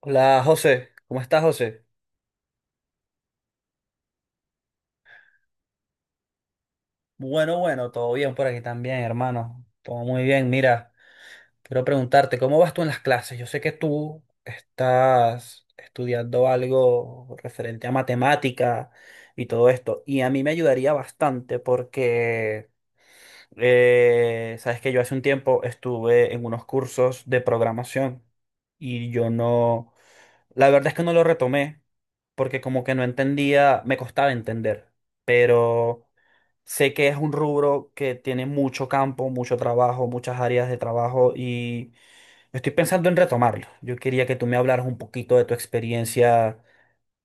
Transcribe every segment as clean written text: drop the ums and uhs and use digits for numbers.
Hola José, ¿cómo estás, José? Bueno, todo bien por aquí también, hermano. Todo muy bien. Mira, quiero preguntarte, ¿cómo vas tú en las clases? Yo sé que tú estás estudiando algo referente a matemática y todo esto, y a mí me ayudaría bastante porque sabes que yo hace un tiempo estuve en unos cursos de programación y yo no, la verdad es que no lo retomé porque como que no entendía, me costaba entender, pero sé que es un rubro que tiene mucho campo, mucho trabajo, muchas áreas de trabajo y estoy pensando en retomarlo. Yo quería que tú me hablaras un poquito de tu experiencia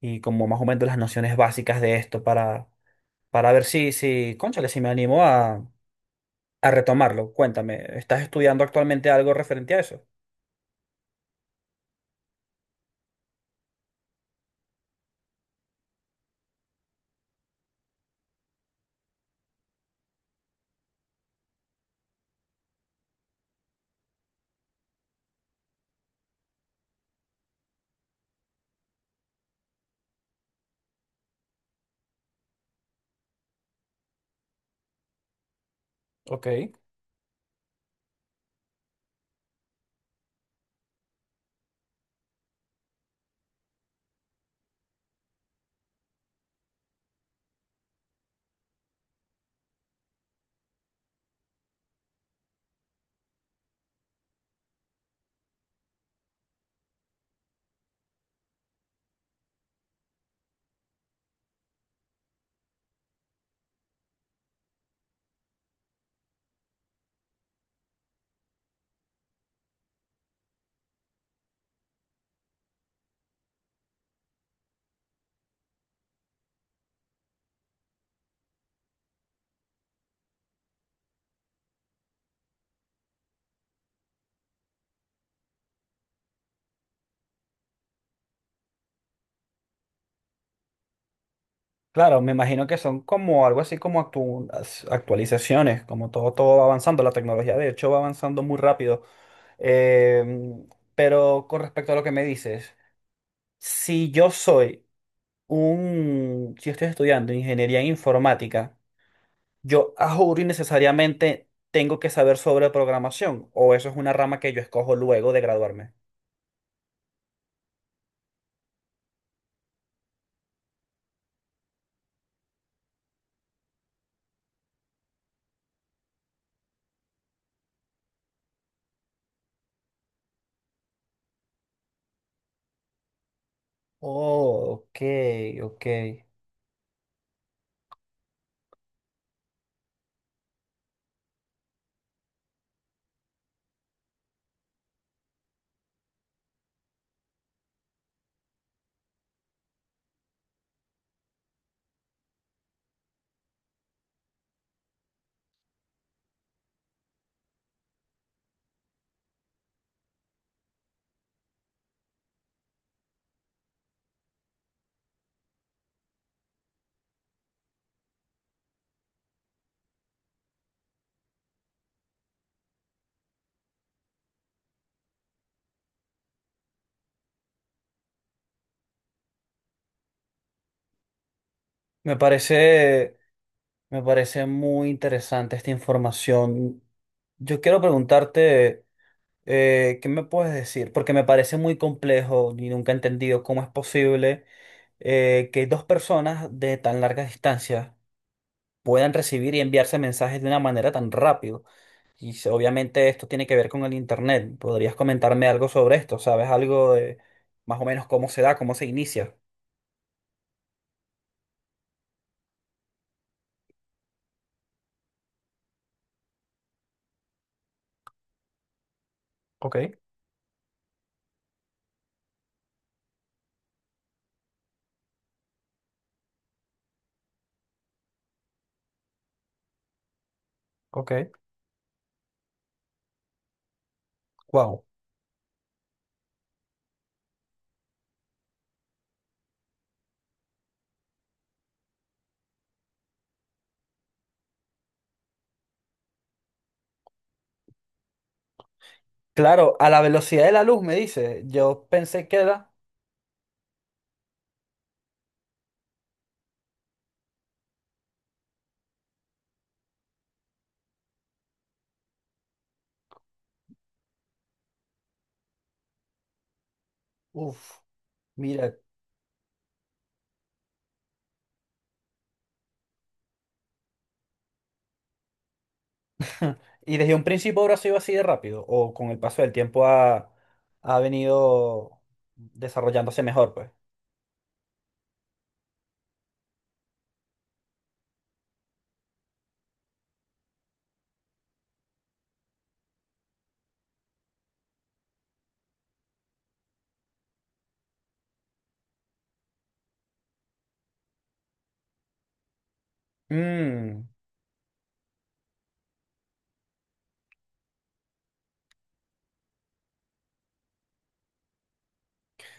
y como más o menos las nociones básicas de esto para ver cónchale, si me animo a retomarlo. Cuéntame, ¿estás estudiando actualmente algo referente a eso? Ok. Claro, me imagino que son como algo así como actualizaciones, como todo va avanzando, la tecnología de hecho va avanzando muy rápido. Em, pero con respecto a lo que me dices, si yo soy si estoy estudiando ingeniería informática, yo a juro y necesariamente tengo que saber sobre programación, o eso es una rama que yo escojo luego de graduarme. Oh, ok, ok. Me parece, me parece muy interesante esta información. Yo quiero preguntarte, ¿qué me puedes decir? Porque me parece muy complejo y nunca he entendido cómo es posible que dos personas de tan larga distancia puedan recibir y enviarse mensajes de una manera tan rápido. Obviamente esto tiene que ver con el internet. ¿Podrías comentarme algo sobre esto? ¿Sabes algo de más o menos cómo se da, cómo se inicia? Ok, ok. Wow. Claro, a la velocidad de la luz, me dice. Yo pensé que era. Uf, mira. Y desde un principio ahora ha sido así de rápido. O con el paso del tiempo ha venido desarrollándose mejor, pues. Mm.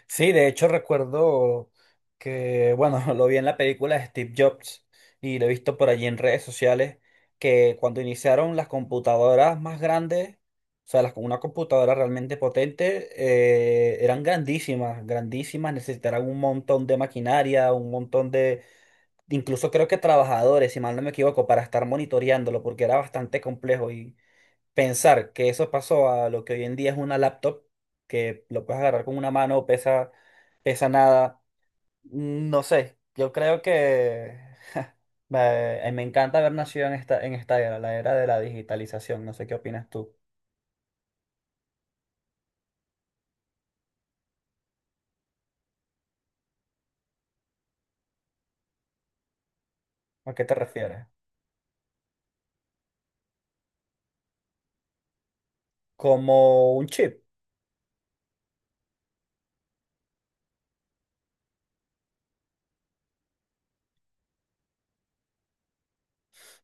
Sí, de hecho recuerdo que, bueno, lo vi en la película de Steve Jobs y lo he visto por allí en redes sociales, que cuando iniciaron las computadoras más grandes, o sea, una computadora realmente potente, eran grandísimas, grandísimas, necesitaban un montón de maquinaria, un incluso creo que trabajadores, si mal no me equivoco, para estar monitoreándolo, porque era bastante complejo. Pensar que eso pasó a lo que hoy en día es una laptop, que lo puedes agarrar con una mano, pesa nada. Mm, no sé, yo creo que me encanta haber nacido en esta era, la era de la digitalización, no sé qué opinas tú. ¿A qué te refieres? Como un chip.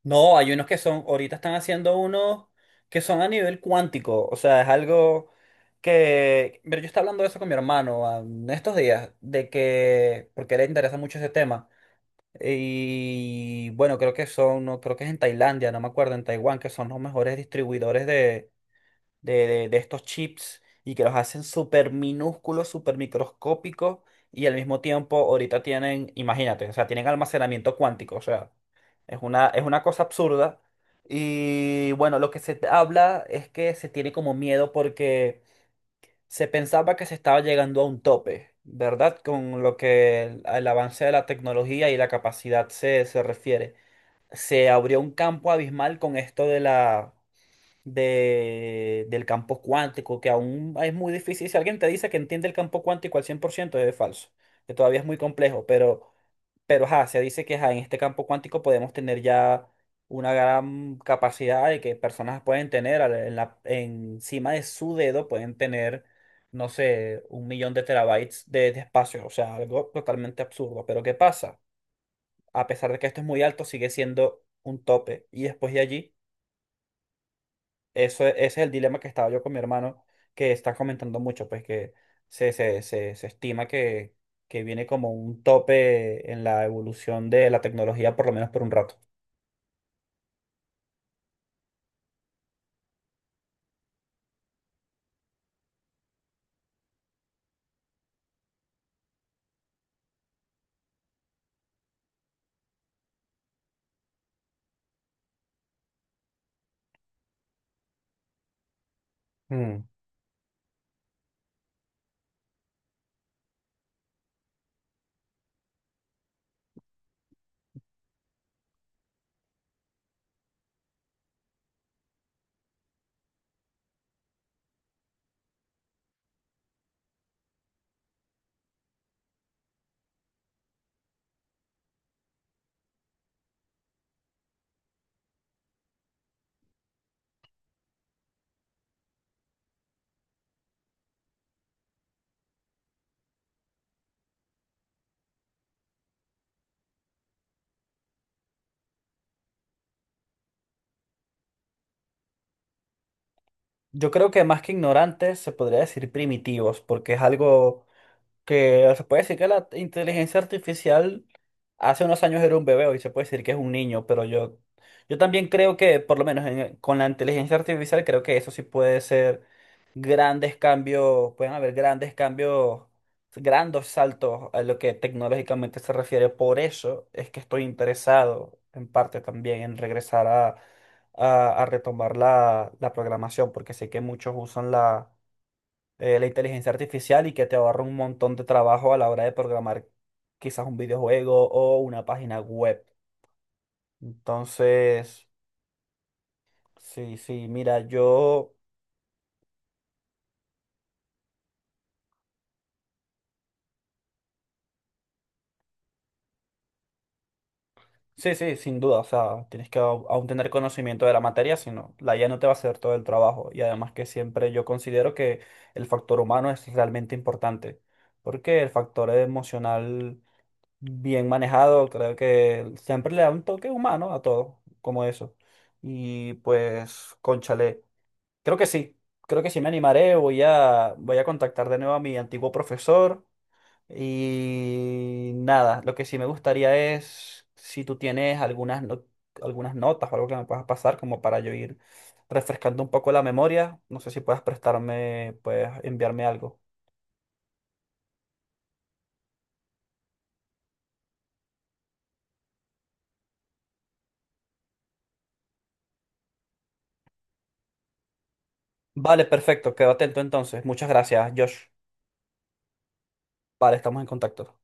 No, hay unos que son, ahorita están haciendo unos que son a nivel cuántico, o sea, es algo que, pero yo estaba hablando de eso con mi hermano, ah, en estos días, de que, porque a él le interesa mucho ese tema. Y bueno, creo que son, no, creo que es en Tailandia, no me acuerdo, en Taiwán, que son los mejores distribuidores de estos chips y que los hacen súper minúsculos, súper microscópicos y al mismo tiempo ahorita tienen, imagínate, o sea, tienen almacenamiento cuántico, o sea, es es una cosa absurda. Y bueno, lo que se habla es que se tiene como miedo porque se pensaba que se estaba llegando a un tope, ¿verdad? Con lo que el, al avance de la tecnología y la capacidad se refiere. Se abrió un campo abismal con esto de del campo cuántico, que aún es muy difícil. Si alguien te dice que entiende el campo cuántico al 100% es falso, que todavía es muy complejo, pero ajá, se dice que ajá, en este campo cuántico podemos tener ya una gran capacidad de que personas pueden tener encima de su dedo, pueden tener, no sé, un millón de terabytes de espacio, o sea, algo totalmente absurdo. Pero ¿qué pasa? A pesar de que esto es muy alto, sigue siendo un tope. Y después de allí ese es el dilema que estaba yo con mi hermano, que está comentando mucho, pues que se estima que viene como un tope en la evolución de la tecnología, por lo menos por un rato. Mm. Yo creo que más que ignorantes, se podría decir primitivos, porque es algo que se puede decir que la inteligencia artificial hace unos años era un bebé, hoy se puede decir que es un niño, pero yo también creo que, por lo menos con la inteligencia artificial, creo que eso sí puede ser grandes cambios, pueden haber grandes cambios, grandes saltos a lo que tecnológicamente se refiere. Por eso es que estoy interesado en parte también en regresar a retomar la programación, porque sé que muchos usan la inteligencia artificial y que te ahorra un montón de trabajo a la hora de programar quizás un videojuego o una página web. Entonces, sí, sí, mira, yo... Sí, sí, sin duda. O sea, tienes que aún tener conocimiento de la materia, sino la IA no te va a hacer todo el trabajo. Y además que siempre yo considero que el factor humano es realmente importante, porque el factor emocional bien manejado, creo que siempre le da un toque humano a todo, como eso. Y pues, cónchale, creo que sí, creo que sí me animaré. Voy a contactar de nuevo a mi antiguo profesor y nada, lo que sí me gustaría es si tú tienes algunas, no- algunas notas o algo que me puedas pasar como para yo ir refrescando un poco la memoria. No sé si puedas prestarme, puedes enviarme algo. Vale, perfecto, quedo atento entonces. Muchas gracias, Josh. Vale, estamos en contacto.